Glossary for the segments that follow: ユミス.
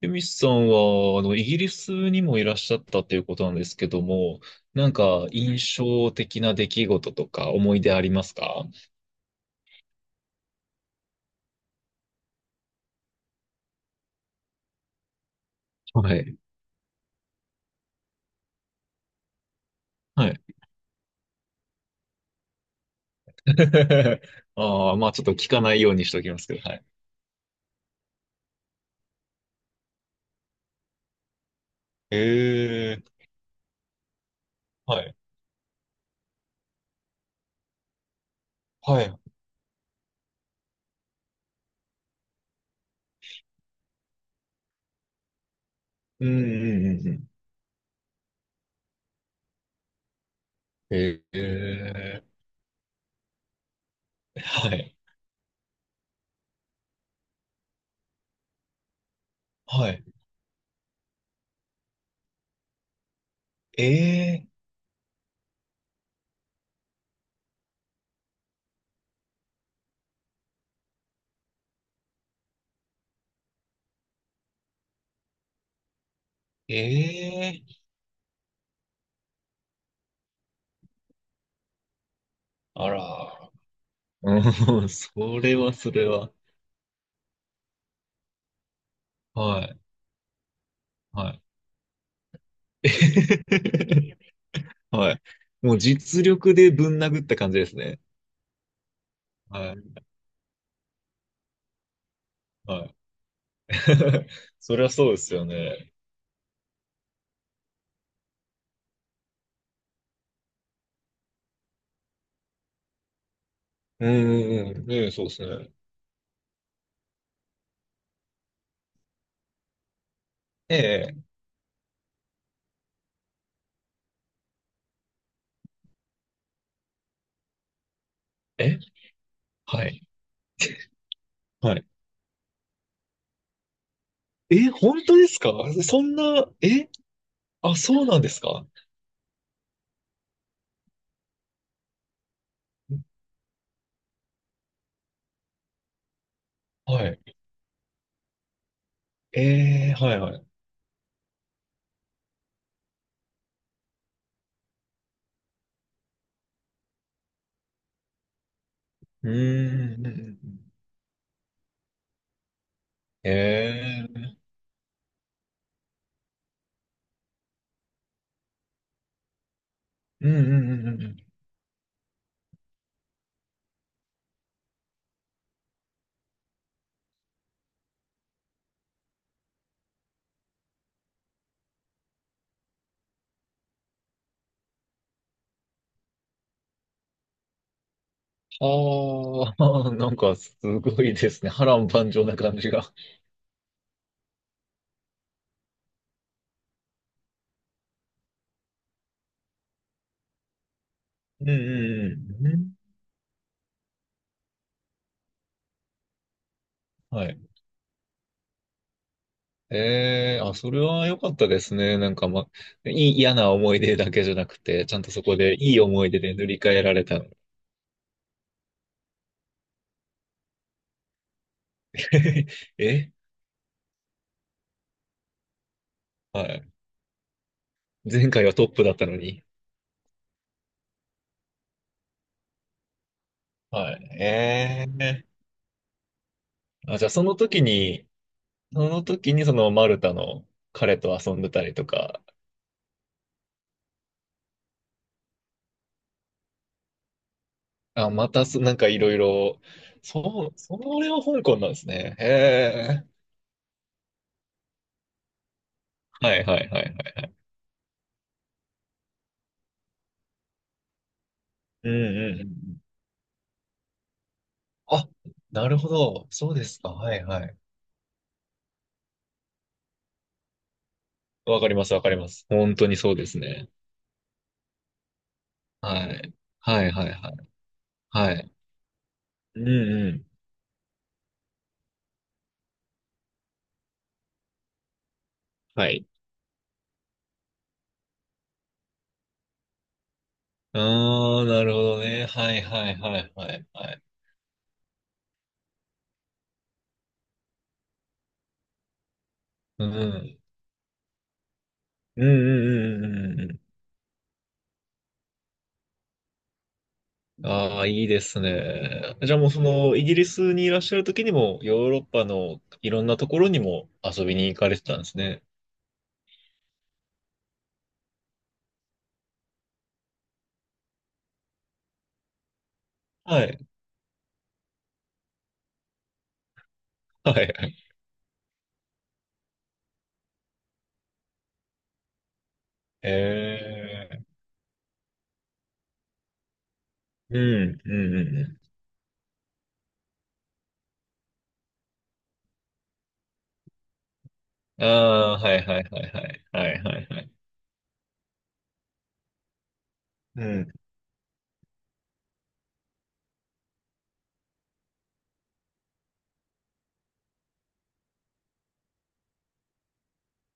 ユミスさんは、イギリスにもいらっしゃったということなんですけども、なんか印象的な出来事とか思い出ありますか？はい。はい。ああ、まあちょっと聞かないようにしておきますけど、はい。ええ、はい。はい。うんうんうんうん。ええ、はい。はい。ええ、ええ、あら。うん、それはそれは。はい。はい。はい。もう実力でぶん殴った感じですね。はい。はい。そりゃそうですよね。うんうんうん。ねえ、そうですね。ええ。え、はい。はい。え、本当ですか？そんな、え、あ、そうなんですか？はい。ええ、はいはい。うーん。うんうん。ええ。うんうんうんうんうん。ああ、なんかすごいですね。波乱万丈な感じが。うんうんうん。うん、はい。ええ、あ、それは良かったですね。なんか、ま、いい、嫌な思い出だけじゃなくて、ちゃんとそこでいい思い出で塗り替えられたの。え、はい。前回はトップだったのに。はい。ええ、あ、じゃあその時に、その時にそのマルタの彼と遊んでたりとか、あ、またそ、なんかいろいろ、そう、それは香港なんですね。ええ、はいはいはいはい。うんうんうんうん。あ、なるほど。そうですか。はいはい。わかります、わかります。本当にそうですね。はい。はい、はい、はい。はい。うん、うん。はい。ああ、なるほどね。はい、はい、はい、はい、はい。うん。うん、うん、うん、うん、うん。ああ、いいですね。じゃあもうその、イギリスにいらっしゃる時にも、ヨーロッパのいろんなところにも遊びに行かれてたんですね。はい。はい、はい。ええ、うん、うん、うん。うん、ああ、はい、はい、はい、はい。はい、はい、はい。うん、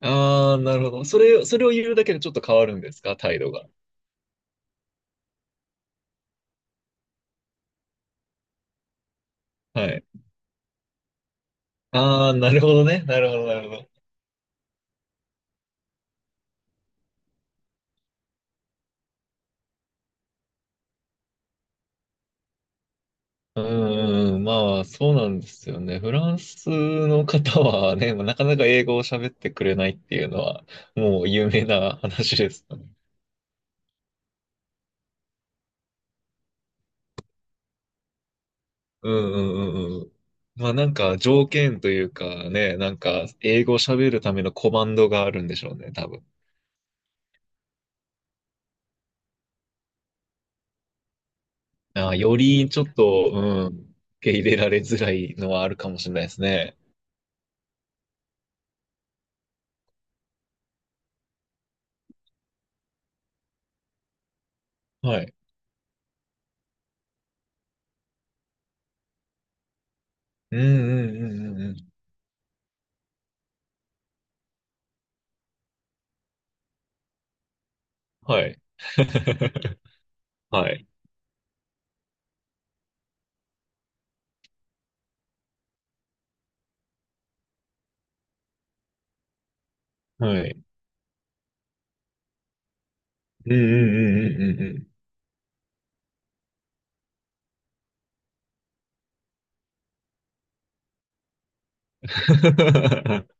ああ、なるほど。それ、それを言うだけでちょっと変わるんですか、態度が？はい。ああ、なるほどね。なるほど、なるほど。うんうん、まあ、そうなんですよね。フランスの方はね、まあなかなか英語を喋ってくれないっていうのは、もう有名な話ですよね。うんうんうんうん。まあなんか条件というかね、なんか英語を喋るためのコマンドがあるんでしょうね、多分。ああ、よりちょっと、うん、受け入れられづらいのはあるかもしれないですね。はい。うんうんうんうんうん。はい。はい。はい。うんうんうんうんうんうん。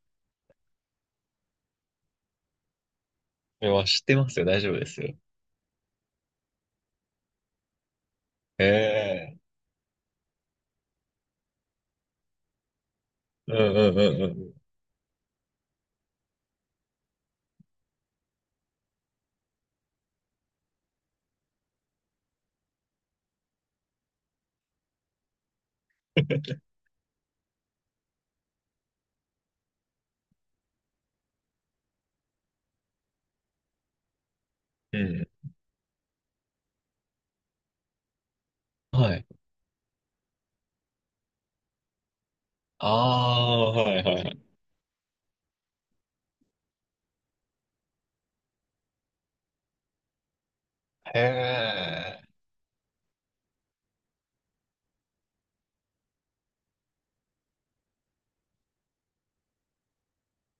いや知ってますよ。大丈夫ですよ。ええ、うんうんうんうん。うん。はい。ああ、はいはい。へえ。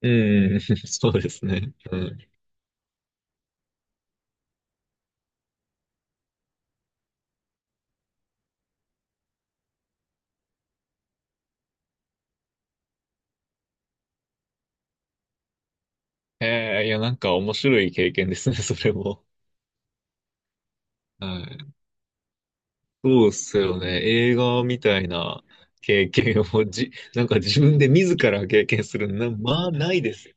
うんうん。そうですね。うん。へえ、いや、なんか面白い経験ですね、それも。はい。そうっすよね。映画みたいな経験をじ、なんか自分で自ら経験するの、な、まあ、ないですよ。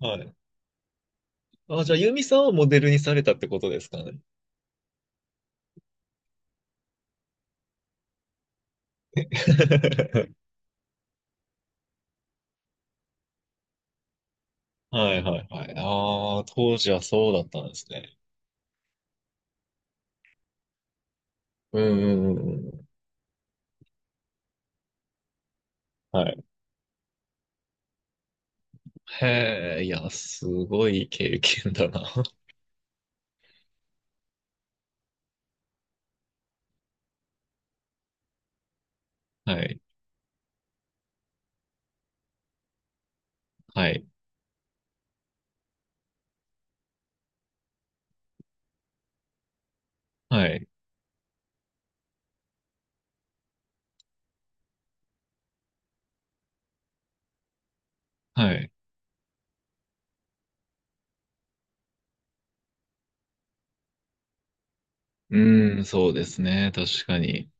はい。あ、じゃあ、ユミさんをモデルにされたってことですかね？はいはいはい。ああ、当時はそうだったんですね。うんうんうんうん。はい。へえ、いや、すごい経験だな。はい。はい。はい。はい。うん、そうですね。確かに。